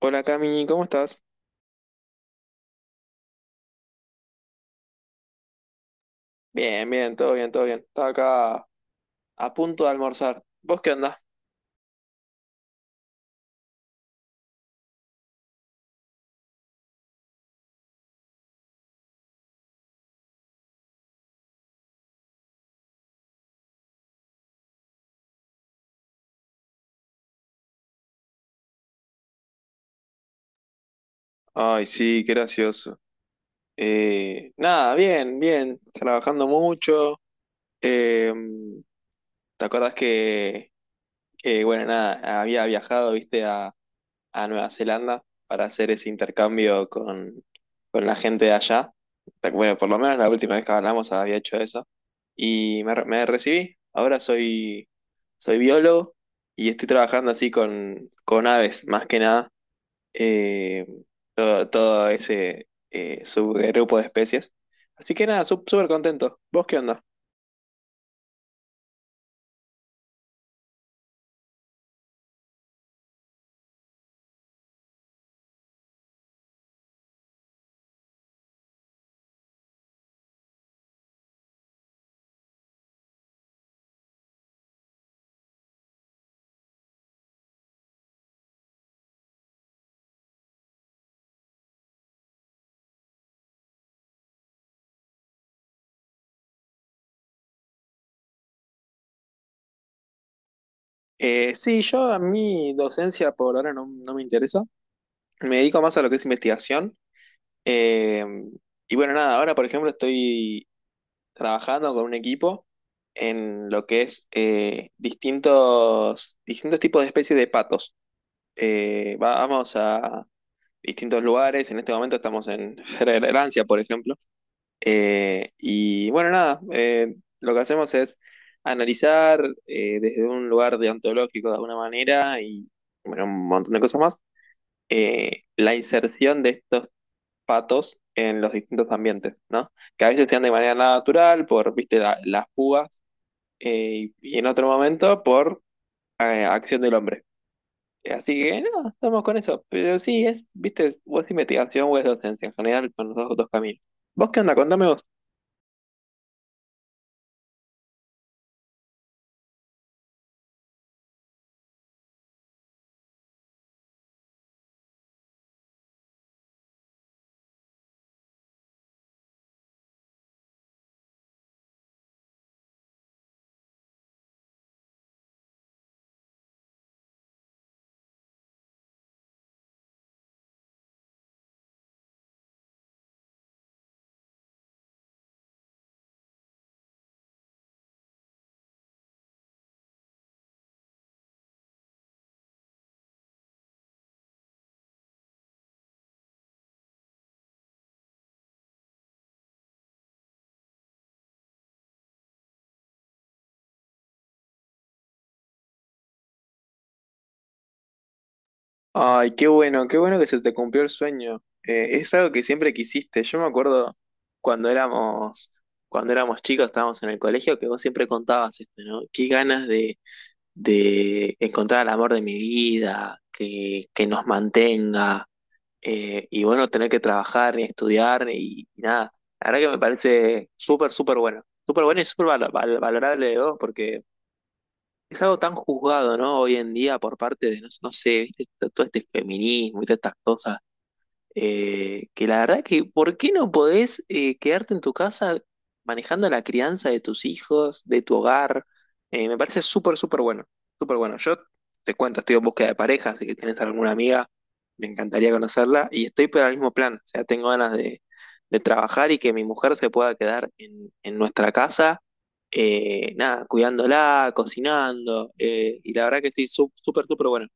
Hola Cami, ¿cómo estás? Bien, bien, todo bien, todo bien. Estaba acá a punto de almorzar. ¿Vos qué andás? Ay, sí, qué gracioso. Nada, bien, bien. Trabajando mucho. Eh, ¿Te acordás que, bueno, nada, había viajado, viste, a Nueva Zelanda para hacer ese intercambio con la gente de allá. Pero bueno, por lo menos la última vez que hablamos había hecho eso. Me recibí. Ahora soy biólogo y estoy trabajando así con aves, más que nada. eh, todo ese subgrupo de especies. Así que nada, súper contento. ¿Vos qué onda? Sí, yo a mi docencia por ahora no me interesa. Me dedico más a lo que es investigación. Eh, y bueno, nada, ahora por ejemplo estoy trabajando con un equipo en lo que es distintos tipos de especies de patos. Vamos a distintos lugares, en este momento estamos en Francia, por ejemplo. Y bueno, nada, lo que hacemos es analizar desde un lugar deontológico de alguna manera y bueno, un montón de cosas más. La inserción de estos patos en los distintos ambientes, ¿no? Que a veces sean de manera natural por, viste, las púas y en otro momento por acción del hombre. Así que, no, estamos con eso. Pero sí, es, viste, o es investigación o es docencia. En general son los dos caminos. ¿Vos qué onda? Contame vos. Ay, qué bueno que se te cumplió el sueño. Es algo que siempre quisiste. Yo me acuerdo cuando éramos, cuando éramos chicos, estábamos en el colegio, que vos siempre contabas esto, ¿no? Qué ganas de encontrar el amor de mi vida, que nos mantenga, y bueno, tener que trabajar, estudiar y nada. La verdad que me parece súper, súper bueno. Súper bueno y súper valorable de vos, porque es algo tan juzgado, ¿no? Hoy en día por parte de, no sé, viste, todo este feminismo y todas estas cosas que la verdad que, ¿por qué no podés quedarte en tu casa manejando la crianza de tus hijos, de tu hogar? Me parece súper, súper bueno, súper bueno. Yo te cuento, estoy en búsqueda de pareja, así que tienes alguna amiga, me encantaría conocerla y estoy por el mismo plan, o sea, tengo ganas de trabajar y que mi mujer se pueda quedar en nuestra casa, nada, cuidándola, cocinando, y la verdad que sí, súper, súper bueno.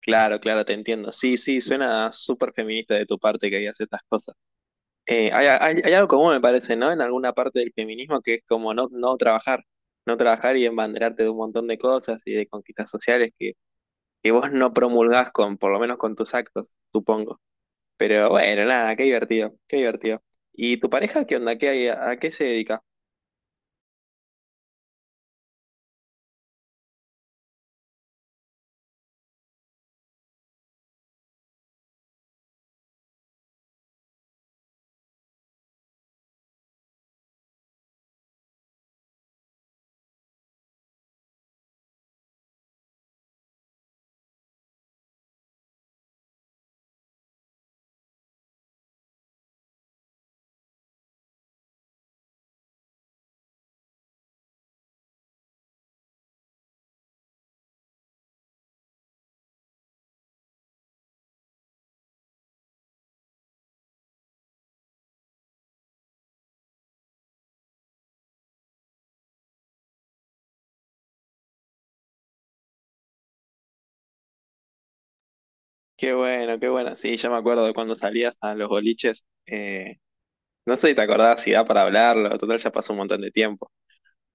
Claro, claro, te entiendo. Sí, sí, suena súper feminista de tu parte que digas estas cosas. Hay algo común, me parece, ¿no? En alguna parte del feminismo que es como no trabajar, no trabajar y embanderarte de un montón de cosas y de conquistas sociales que vos no promulgás con, por lo menos con tus actos, supongo. Pero bueno, nada, qué divertido, qué divertido. ¿Y tu pareja qué onda? ¿Qué hay, a qué se dedica? Qué bueno, qué bueno. Sí, ya me acuerdo de cuando salías a los boliches. No sé si te acordás si da para hablarlo, total ya pasó un montón de tiempo.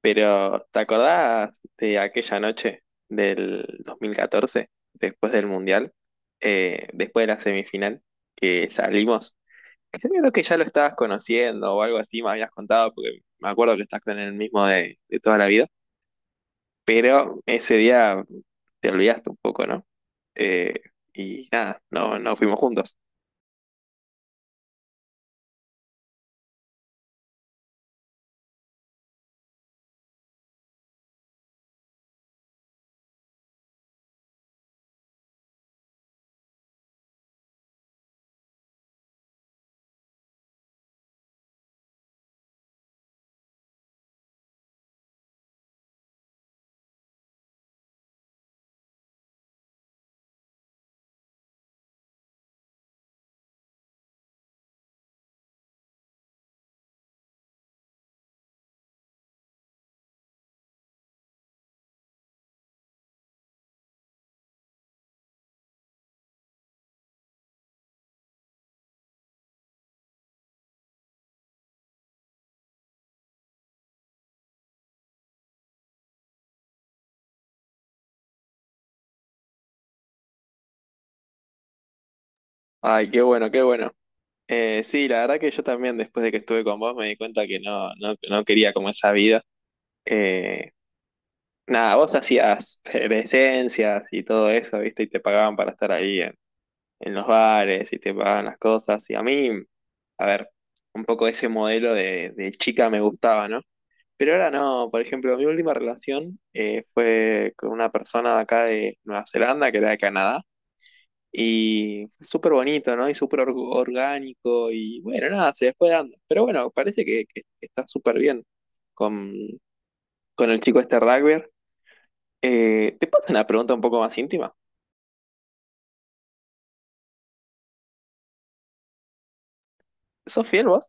Pero, ¿te acordás de aquella noche del 2014 después del Mundial, después de la semifinal, que salimos? Creo que ya lo estabas conociendo o algo así, me habías contado, porque me acuerdo que estás con el mismo de toda la vida, pero ese día te olvidaste un poco, ¿no? Eh, y nada, no fuimos juntos. Ay, qué bueno, qué bueno. Sí, la verdad que yo también después de que estuve con vos me di cuenta que no quería como esa vida. Eh, Nada, vos hacías presencias y todo eso, ¿viste? Y te pagaban para estar ahí en los bares y te pagaban las cosas. Y a mí, a ver, un poco ese modelo de chica me gustaba, ¿no? Pero ahora no, por ejemplo, mi última relación fue con una persona de acá de Nueva Zelanda, que era de Canadá, y fue súper bonito, ¿no? Y súper orgánico y bueno, nada, se fue dando. Pero bueno, parece que está súper bien con, con el chico este rugby. ¿Te puedo hacer una pregunta un poco más íntima? ¿Sos fiel vos?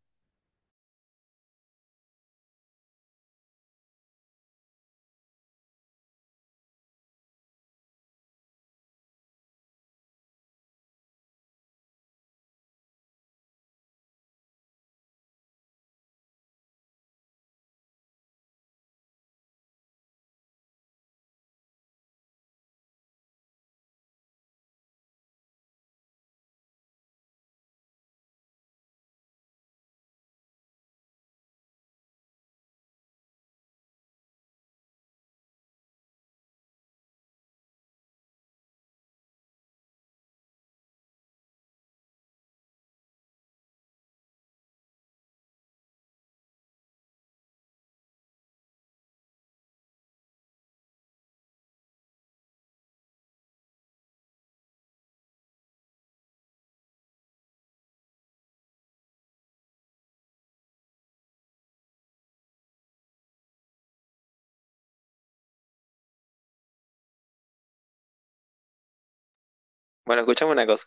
Bueno, escuchame una cosa.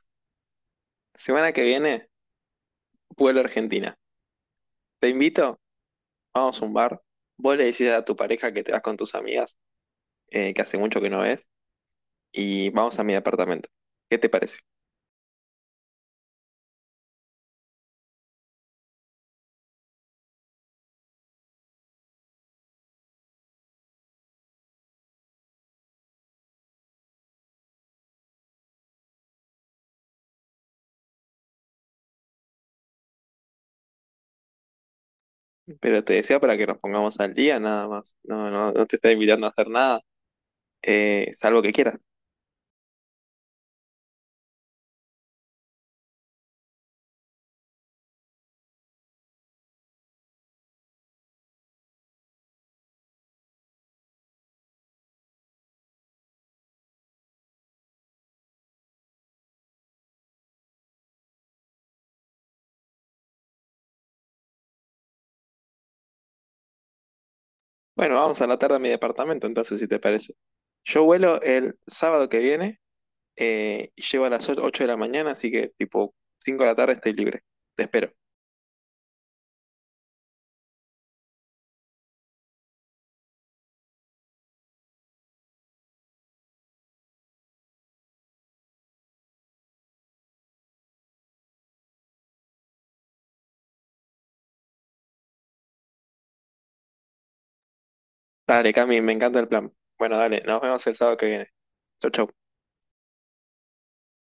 Semana que viene, vuelo a Argentina. Te invito, vamos a un bar. Vos le decís a tu pareja que te vas con tus amigas, que hace mucho que no ves, y vamos a mi departamento. ¿Qué te parece? Pero te decía para que nos pongamos al día, nada más. No, no, no te estoy invitando a hacer nada, salvo que quieras. Bueno, vamos a la tarde a mi departamento, entonces, si te parece. Yo vuelo el sábado que viene. Y llego a las 8 de la mañana, así que tipo 5 de la tarde estoy libre. Te espero. Dale, Cami, me encanta el plan. Bueno, dale, nos vemos el sábado que viene. Chau, chau.